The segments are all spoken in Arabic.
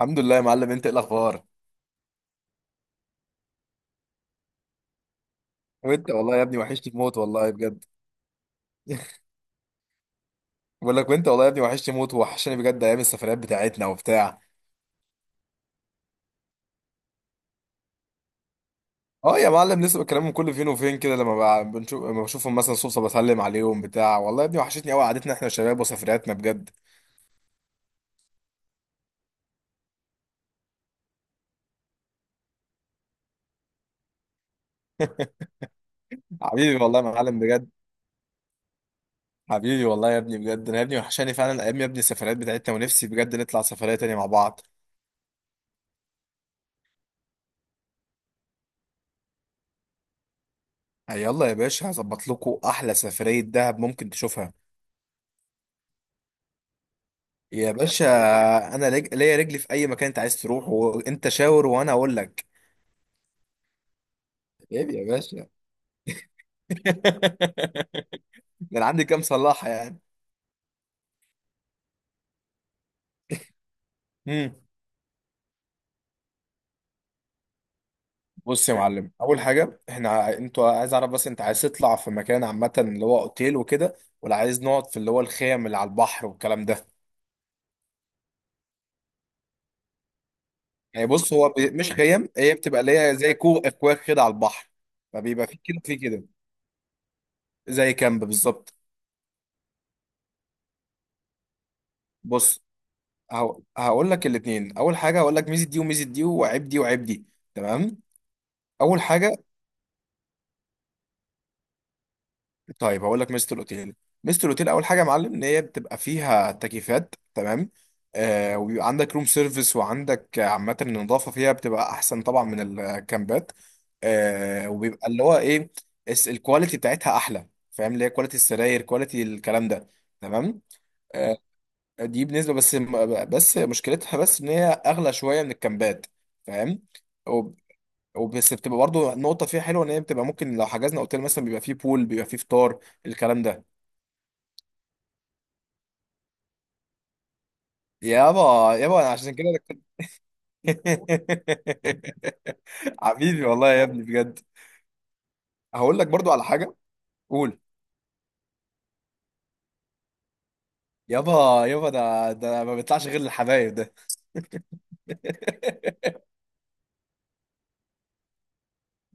الحمد لله يا معلم، انت ايه الاخبار؟ وانت والله يا ابني وحشتي موت والله بجد. بقول لك وانت والله يا ابني وحشتي موت، وحشني بجد ايام السفريات بتاعتنا وبتاع. اه يا معلم لسه بكلمهم كل فين وفين كده، لما بنشوف لما بشوفهم مثلا صدفه بسلم عليهم بتاع والله يا ابني وحشتني قوي قعدتنا احنا والشباب وسفرياتنا بجد. حبيبي والله يا معلم بجد. حبيبي والله يا ابني بجد، انا يا ابني وحشاني فعلا ايام يا ابني السفريات بتاعتنا، ونفسي بجد نطلع سفريه تانية مع بعض. يلا يا باشا، هظبط لكم احلى سفريه دهب ممكن تشوفها. يا باشا انا ليا رجلي في اي مكان انت عايز تروح، وانت شاور وانا اقول لك. عيب يا باشا. ده انا عندي كام صلاحه يعني. امم بص يا معلم، اول حاجه احنا انتوا عايز اعرف، بس انت عايز تطلع في مكان عامه اللي هو اوتيل وكده، ولا عايز نقعد في اللي هو الخيم اللي على البحر والكلام ده؟ يعني بص، هو مش خيم، هي بتبقى اللي هي زي كوخ، اكواخ كده على البحر، فبيبقى في كده، في كده زي كامب بالظبط. بص، هقول لك الاثنين. اول حاجه هقول لك ميزه دي وميزه دي، وعيب دي وعيب دي، تمام؟ اول حاجه، طيب هقول لك ميزه الاوتيل. ميزه الاوتيل اول حاجه يا معلم ان هي بتبقى فيها تكييفات، تمام، آه، وبيبقى عندك روم سيرفيس، وعندك عامه النظافه فيها بتبقى احسن طبعا من الكامبات. آه، وبيبقى اللي هو ايه، الكواليتي بتاعتها احلى، فاهم، اللي هي كواليتي السراير، كواليتي الكلام ده، تمام. آه، دي بالنسبه، بس بس مشكلتها ان هي اغلى شويه من الكامبات، فاهم. وبس بتبقى برضه النقطة فيها حلوة، إن هي بتبقى ممكن لو حجزنا أوتيل مثلا بيبقى فيه بول، بيبقى فيه فطار، الكلام ده. يابا يابا، أنا عشان كده. حبيبي والله يا ابني بجد. هقول لك برضو على حاجة. قول. يابا يابا، ده ده ما بيطلعش غير للحبايب ده.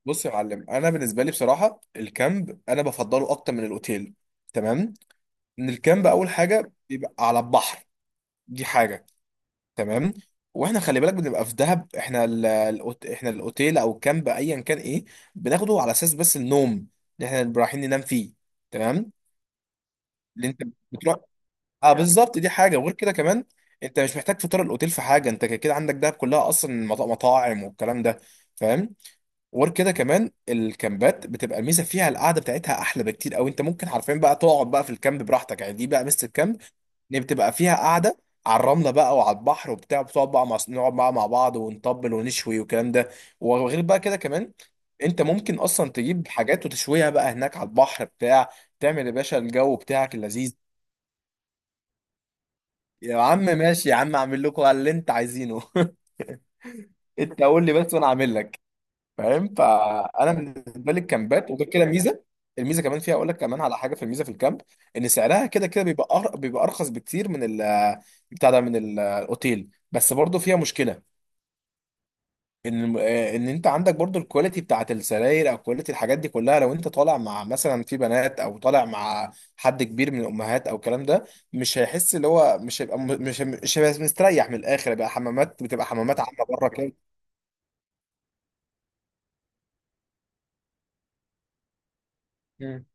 بص يا معلم، انا بالنسبه لي بصراحه الكامب انا بفضله اكتر من الاوتيل، تمام. ان الكامب اول حاجه بيبقى على البحر، دي حاجه، تمام. واحنا خلي بالك بنبقى في دهب، احنا احنا الاوتيل او الكامب ايا كان، ايه، بناخده على اساس بس النوم، اللي احنا بنبقى رايحين ننام فيه، تمام. اللي انت بتروح. اه بالظبط، دي حاجه. وغير كده كمان، انت مش محتاج فطار الاوتيل في حاجه، انت كده كده عندك دهب كلها اصلا مطاعم والكلام ده، فاهم. وغير كده كمان، الكامبات بتبقى الميزه فيها القعده بتاعتها احلى بكتير، او انت ممكن حرفيا بقى تقعد بقى في الكامب براحتك يعني، دي بقى ميزه الكامب، ان بتبقى فيها قاعده على الرمله بقى وعلى البحر وبتاع، بتقعد بقى مع، نقعد بقى مع بعض ونطبل ونشوي والكلام ده. وغير بقى كده كمان، انت ممكن اصلا تجيب حاجات وتشويها بقى هناك على البحر بتاع تعمل يا باشا الجو بتاعك اللذيذ. يا عم ماشي يا عم، اعمل لكم اللي انت عايزينه. انت قول لي بس وانا اعمل لك، فاهم. فانا بالنسبه لي الكامبات، وغير كده، ميزه. الميزه كمان فيها، اقول لك كمان على حاجه في الميزه في الكامب، ان سعرها كده كده بيبقى بيبقى ارخص بكتير من ال، بتاع ده، من الاوتيل. بس برضه فيها مشكله، ان انت عندك برضه الكواليتي بتاعت السراير، او كواليتي الحاجات دي كلها، لو انت طالع مع مثلا في بنات، او طالع مع حد كبير من الامهات او الكلام ده، مش هيحس، اللي هو مش هيبقى، مش هيبقى مستريح من الاخر بقى، حمامات بتبقى حمامات عامه بره كده. مم.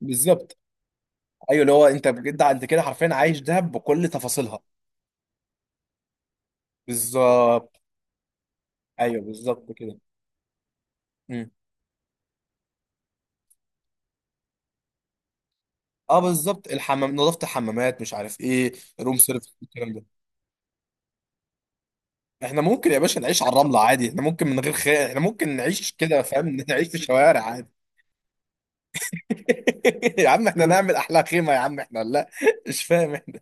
بالظبط. ايوه، اللي هو انت بجد انت كده حرفيا عايش دهب بكل تفاصيلها. بالظبط. ايوه بالظبط كده. امم اه بالظبط، الحمام، نظافه الحمامات، مش عارف ايه، روم سيرفيس، الكلام ده. احنا ممكن يا باشا نعيش على الرمله عادي، احنا ممكن من غير خير احنا ممكن نعيش كده، فاهم، نعيش في الشوارع عادي. يا عم احنا نعمل احلى خيمه يا عم، احنا لا، مش فاهم احنا.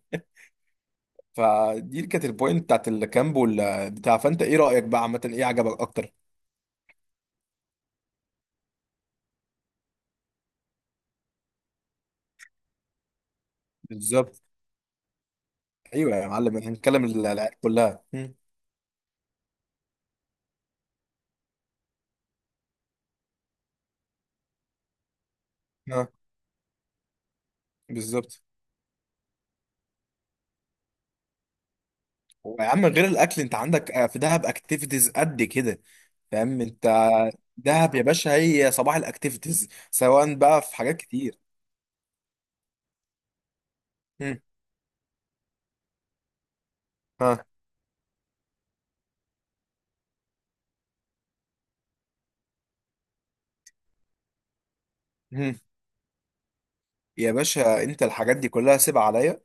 فدي كانت البوينت بتاعت الكامب ولا بتاع، فانت ايه رايك بقى عامه، ايه عجبك اكتر؟ بالظبط. ايوه يا معلم، احنا هنتكلم العيال كلها. اه بالظبط. يا عم غير الاكل، انت عندك في دهب اكتيفيتيز قد كده، فاهم انت. دهب يا باشا هي صباح الاكتيفيتيز، سواء بقى في حاجات كتير. هم. ها. هم. يا باشا انت الحاجات دي كلها سيب عليا.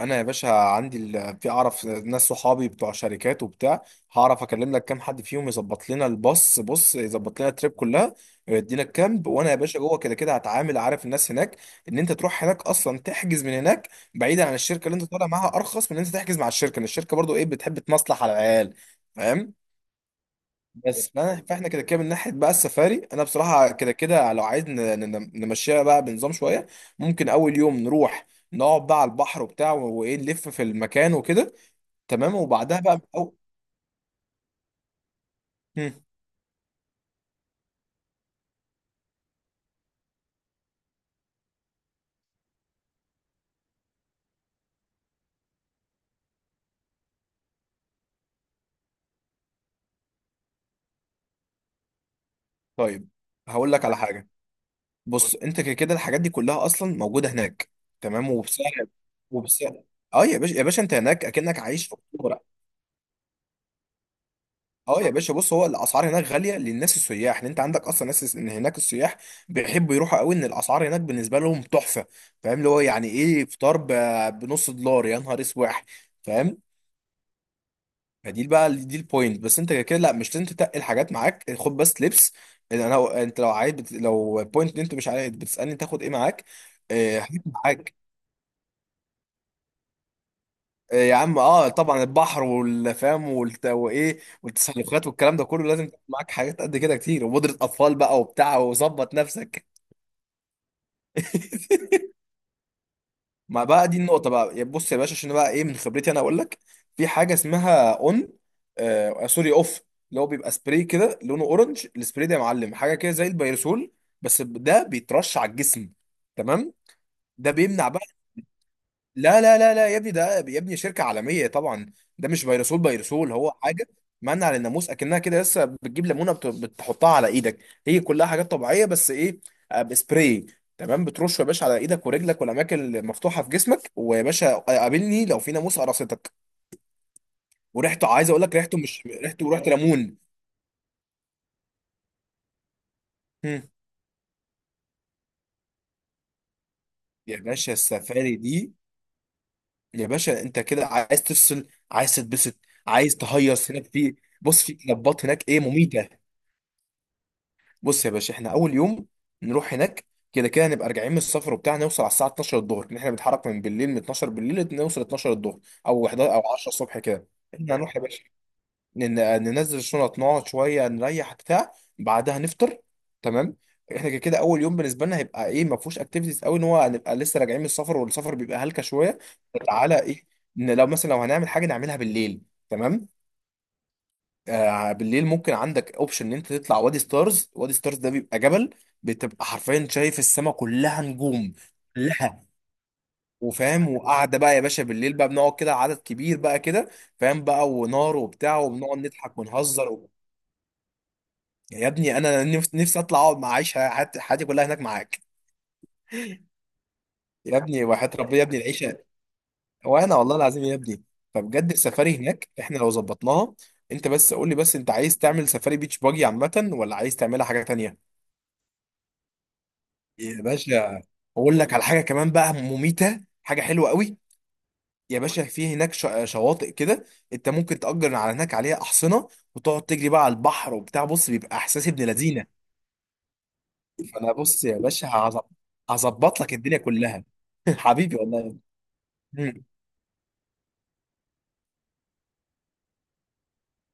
انا يا باشا عندي في، اعرف ناس صحابي بتوع شركات وبتاع، هعرف اكلم لك كام حد فيهم يظبط لنا الباص، بص، يظبط لنا التريب كلها، ويدينا الكامب. وانا يا باشا جوه كده كده هتعامل، عارف الناس هناك، ان انت تروح هناك اصلا تحجز من هناك، بعيدا عن الشركه اللي انت طالع معاها، ارخص من ان انت تحجز مع الشركه، ان الشركه برضو ايه بتحب تمصلح على العيال، فاهم. بس، فانا، فاحنا كده كده من ناحيه بقى السفاري، انا بصراحه كده كده لو عايز نمشيها بقى بنظام شويه، ممكن اول يوم نروح، نقعد بقى على البحر وبتاع، وايه، نلف في المكان وكده، تمام، وبعدها بقى هم. طيب هقول لك على حاجه. بص انت كده كده الحاجات دي كلها اصلا موجوده هناك، تمام، وبسعر، وبسعر. اه يا باشا يا باشا، انت هناك اكنك عايش في اكتوبر. اه يا باشا، بص، هو الاسعار هناك غاليه للناس السياح، ان انت عندك اصلا ناس، ان هناك السياح بيحبوا يروحوا قوي، ان الاسعار هناك بالنسبه لهم تحفه، فاهم، اللي هو يعني ايه فطار بنص دولار، يا نهار اسواح، فاهم. فدي بقى دي البوينت. بس انت كده كده لا مش لازم تتقل حاجات معاك، خد بس لبس. إن انا، انت لو عايز لو بوينت ان انت مش عايز، بتسالني تاخد ايه معاك؟ هات معاك. يا عم اه طبعا، البحر والفام وايه، والتسلقات والكلام ده كله، لازم تكون معاك حاجات قد كده كتير، وبودرة اطفال بقى وبتاع، وظبط نفسك. ما بقى دي النقطة بقى يا، بص يا باشا، عشان بقى ايه من خبرتي انا اقول لك، في حاجة اسمها اون، آه سوري، اوف، اللي هو بيبقى سبراي كده لونه اورنج. السبراي ده يا معلم حاجة كده زي البيرسول، بس ده بيترش على الجسم، تمام، ده بيمنع. لا لا لا لا يا ابني، ده يا ابني شركة عالمية طبعا، ده مش فيروسول، فيروسول هو حاجة، منع للناموس، اكنها كده لسه بتجيب ليمونة بتحطها على ايدك، هي كلها حاجات طبيعية، بس ايه، بسبراي، تمام. بترش يا باشا على ايدك ورجلك والاماكن اللي مفتوحة في جسمك، ويا باشا قابلني لو في ناموس قرصتك. وريحته عايز اقول لك، ريحته مش ريحته ريحة ليمون. هم. يا باشا السفاري دي، يا باشا انت كده عايز تفصل، عايز تتبسط، عايز تهيص هناك. في، بص، في كلابات هناك ايه مميتة. بص يا باشا، احنا اول يوم نروح هناك، كده كده هنبقى راجعين من السفر وبتاع، نوصل على الساعه 12 الظهر، ان احنا بنتحرك من بالليل من 12 بالليل، نوصل 12 الظهر او 11 او 10 الصبح كده. احنا هنروح يا باشا، ننزل الشنط، نقعد شويه نريح بتاع بعدها نفطر، تمام. احنا كده كده اول يوم بالنسبه لنا هيبقى ايه، ما فيهوش اكتيفيتيز قوي، ان هو هنبقى لسه راجعين من السفر، والسفر بيبقى هلكه شويه. تعالى ايه، إن لو مثلا لو هنعمل حاجه نعملها بالليل، تمام. بالليل ممكن عندك اوبشن ان انت تطلع وادي ستارز. وادي ستارز ده بيبقى جبل، بتبقى حرفيا شايف السماء كلها نجوم، كلها. وفاهم، وقعده بقى يا باشا بالليل بقى، بنقعد كده عدد كبير بقى كده، فاهم بقى، ونار وبتاع، وبنقعد نضحك ونهزر و... يا ابني انا نفسي، نفسي اطلع اقعد مع، عيش حياتي، حياتي كلها هناك معاك. يا ابني وحياة ربنا يا ابني العيشه، وانا والله العظيم يا ابني. فبجد السفاري هناك احنا لو ظبطناها، انت بس قول لي بس، انت عايز تعمل سفاري بيتش باجي عامه ولا عايز تعملها حاجه تانيه؟ يا باشا، اقول لك على حاجه كمان بقى مميته، حاجه حلوه قوي. يا باشا في هناك شواطئ كده، انت ممكن تأجر على هناك عليها احصنه، وتقعد تجري بقى على البحر وبتاع، بص بيبقى احساس ابن لذينه. فانا، بص يا باشا، هظبط لك الدنيا كلها. حبيبي والله. مم.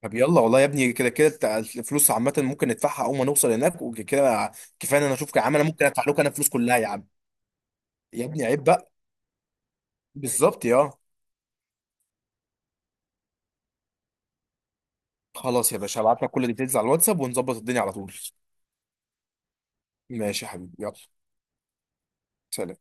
طب يلا والله يا ابني، كده كده بتاع الفلوس عامه ممكن ندفعها اول ما نوصل هناك وكده، كفايه إن انا اشوفك يا عم، انا ممكن ادفع لك انا الفلوس كلها يا عم. يا ابني عيب بقى. بالظبط يا. خلاص يا باشا، هبعت لك كل الديتيلز على الواتساب، ونظبط الدنيا على طول. ماشي يا حبيبي، يلا. سلام.